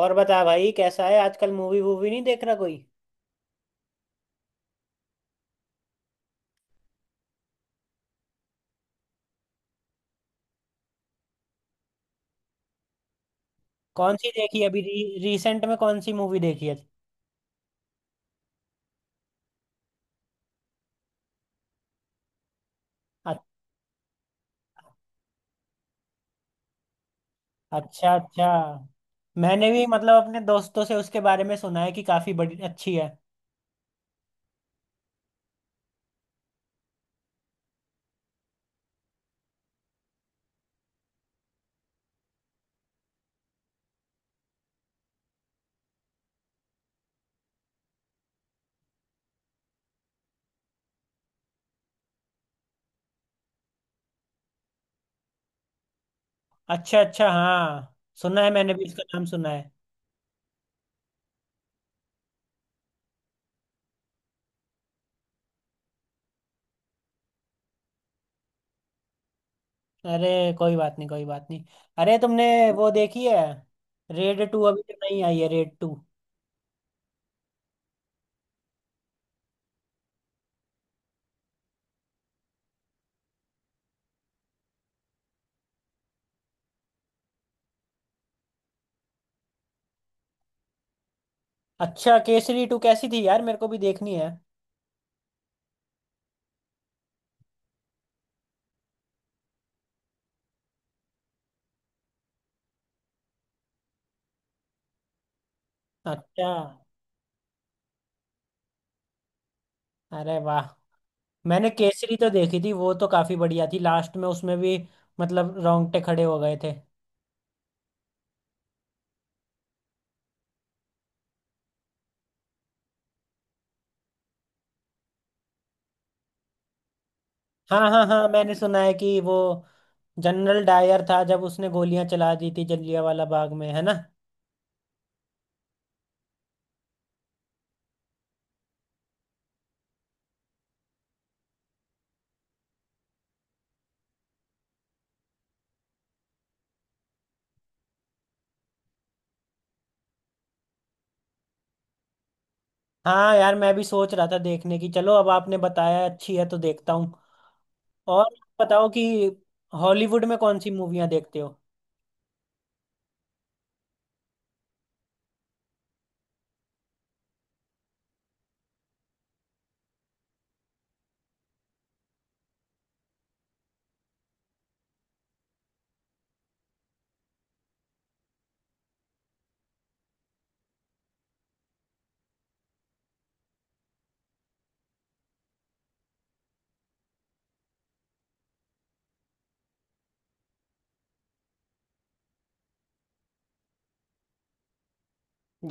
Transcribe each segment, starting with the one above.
और बता भाई, कैसा है आजकल? मूवी वूवी नहीं देख रहा कोई? कौन सी देखी अभी रिसेंट में? कौन सी मूवी देखी है? अ- अच्छा अच्छा। मैंने भी मतलब अपने दोस्तों से उसके बारे में सुना है कि काफी बड़ी अच्छी है। अच्छा अच्छा, हाँ। सुना है, मैंने भी इसका नाम सुना है। अरे, कोई बात नहीं, कोई बात नहीं। अरे तुमने वो देखी है रेड टू? अभी तो नहीं आई है रेड टू? अच्छा, केसरी टू कैसी थी यार? मेरे को भी देखनी है। अच्छा, अरे वाह। मैंने केसरी तो देखी थी, वो तो काफी बढ़िया थी, लास्ट में उसमें भी मतलब रोंगटे खड़े हो गए थे। हाँ हाँ हाँ, मैंने सुना है कि वो जनरल डायर था जब उसने गोलियां चला दी थी जलियांवाला बाग में, है ना? हाँ यार, मैं भी सोच रहा था देखने की। चलो, अब आपने बताया अच्छी है तो देखता हूँ। और बताओ कि हॉलीवुड में कौन सी मूवियाँ देखते हो?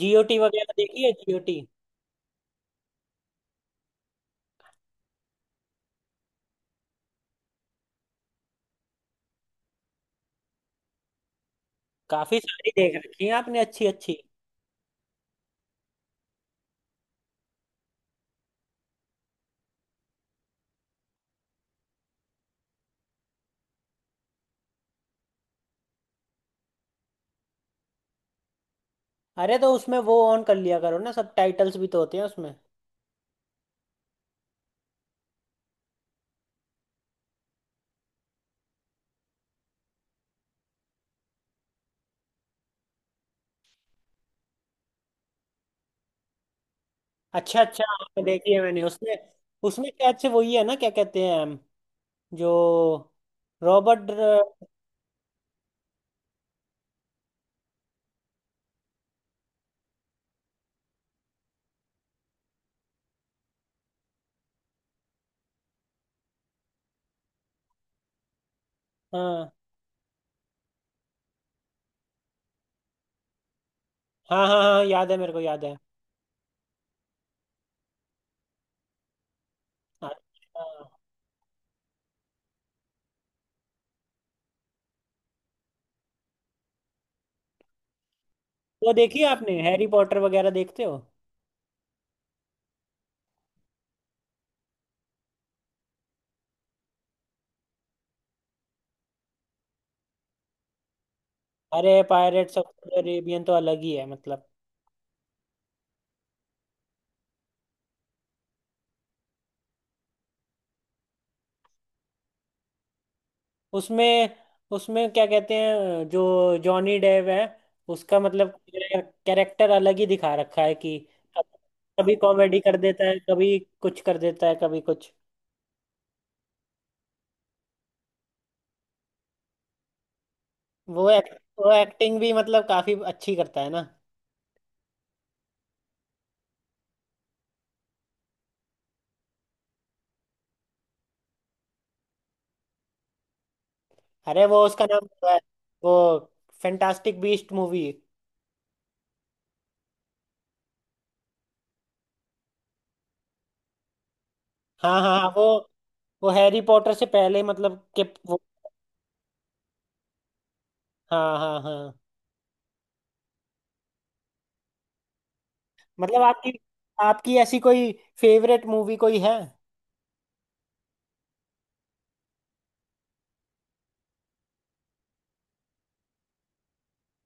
जीओटी वगैरह देखी है? जीओटी? काफी सारी देख रखी है आपने, अच्छी अच्छी। अरे, तो उसमें वो ऑन कर लिया करो ना, सब टाइटल्स भी तो होते हैं उसमें। अच्छा अच्छा, हाँ, देखी है मैंने उसमें। उसमें शायद से वही है ना, क्या कहते हैं हम, जो रॉबर्ट। हाँ हाँ हाँ हाँ, याद है, मेरे को याद है। अच्छा। वो देखी है आपने? हैरी पॉटर वगैरह देखते हो? अरे पायरेट्स ऑफ कैरेबियन तो अलग ही है मतलब। उसमें उसमें क्या कहते हैं, जो जॉनी डेव है, उसका मतलब कैरेक्टर अलग ही दिखा रखा है कि कभी कॉमेडी कर देता है, कभी कुछ कर देता है, कभी कुछ। वो एक, वो एक्टिंग भी मतलब काफी अच्छी करता है ना? अरे वो उसका नाम क्या है, वो फैंटास्टिक बीस्ट मूवी। हाँ हाँ हाँ, वो हैरी पॉटर से पहले मतलब के, वो। हाँ हाँ हाँ। मतलब आपकी आपकी ऐसी कोई फेवरेट मूवी कोई है?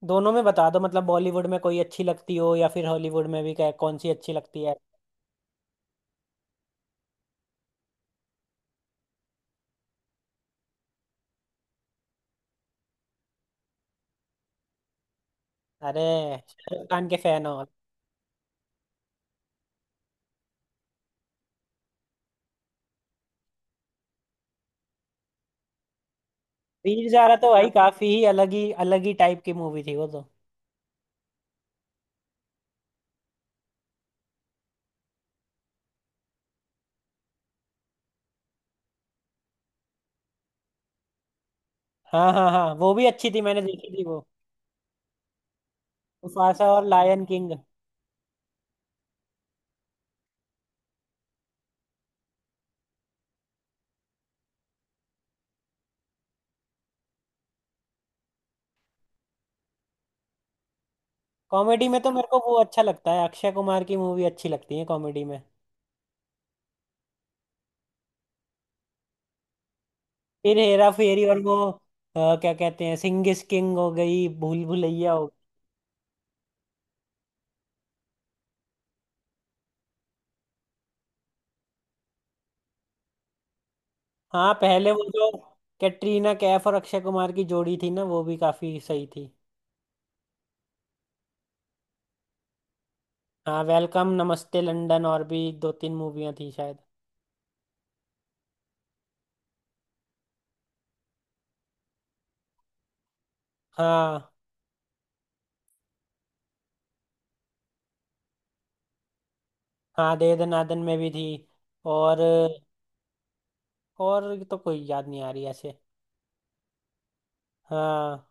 दोनों में बता दो, मतलब बॉलीवुड में कोई अच्छी लगती हो, या फिर हॉलीवुड में भी, क्या, कौन सी अच्छी लगती है? अरे, शाहरुख खान के फैन हो? वीर ज़ारा तो भाई काफी ही अलग ही अलग ही टाइप की मूवी थी वो तो। हाँ हाँ हाँ, वो भी अच्छी थी, मैंने देखी थी वो। मुफासा और लायन किंग। कॉमेडी में तो मेरे को वो अच्छा लगता है, अक्षय कुमार की मूवी अच्छी लगती है कॉमेडी में। फिर हेरा फेरी, और वो क्या कहते हैं, सिंह इज किंग हो गई, भूल भुलैया हो गई। हाँ, पहले वो जो कैटरीना कैफ और अक्षय कुमार की जोड़ी थी ना, वो भी काफी सही थी। हाँ, वेलकम, नमस्ते लंदन, और भी दो तीन मूवियाँ थी शायद। हाँ, हाँ दे दनादन में भी थी। और और तो कोई याद नहीं आ रही ऐसे। हाँ,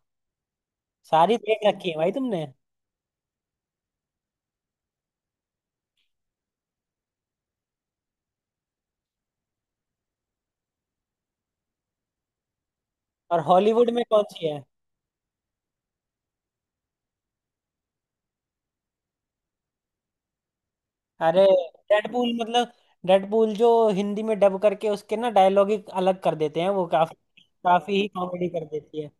सारी देख रखी है भाई तुमने। और हॉलीवुड में कौन सी है? अरे डेडपूल! मतलब डेडपूल जो हिंदी में डब करके उसके ना डायलॉग ही अलग कर देते हैं, वो काफी काफी ही कॉमेडी कर देती है।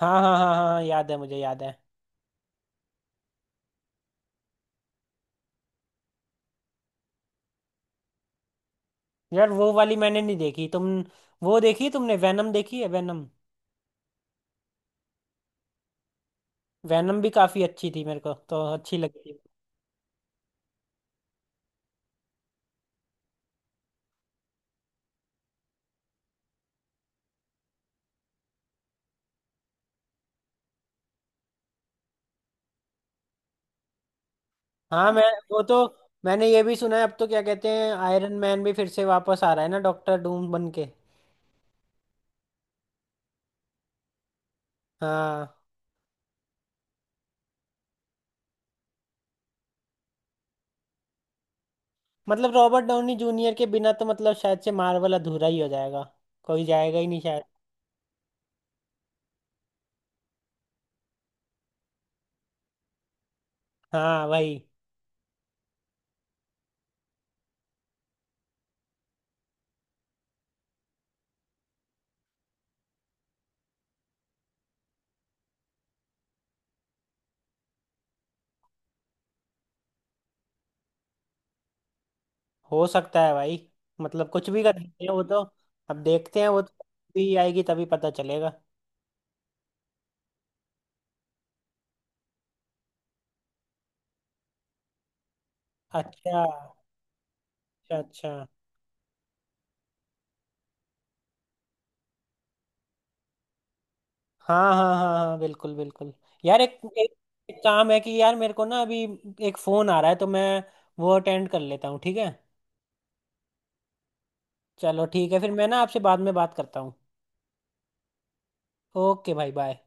हाँ हाँ हाँ हाँ हाँ, याद है मुझे, याद है। यार, वो वाली मैंने नहीं देखी। तुम वो देखी, तुमने वैनम देखी है, वैनम? वैनम भी काफी अच्छी थी, मेरे को तो अच्छी लगी थी। हाँ, मैं वो तो। मैंने ये भी सुना है अब तो, क्या कहते हैं, आयरन मैन भी फिर से वापस आ रहा है ना डॉक्टर डूम बन के? हाँ, मतलब रॉबर्ट डाउनी जूनियर के बिना तो मतलब शायद से मार्वल अधूरा ही हो जाएगा, कोई जाएगा ही नहीं शायद। हाँ भाई। हो सकता है भाई, मतलब कुछ भी कर सकते हैं वो तो। अब देखते हैं, वो तो भी आएगी तभी पता चलेगा। अच्छा अच्छा। अच्छा, हाँ हाँ हाँ हाँ, बिल्कुल बिल्कुल। यार, एक, एक एक काम है कि यार मेरे को ना अभी एक फोन आ रहा है तो मैं वो अटेंड कर लेता हूँ, ठीक है? चलो ठीक है, फिर मैं ना आपसे बाद में बात करता हूँ। ओके भाई, बाय।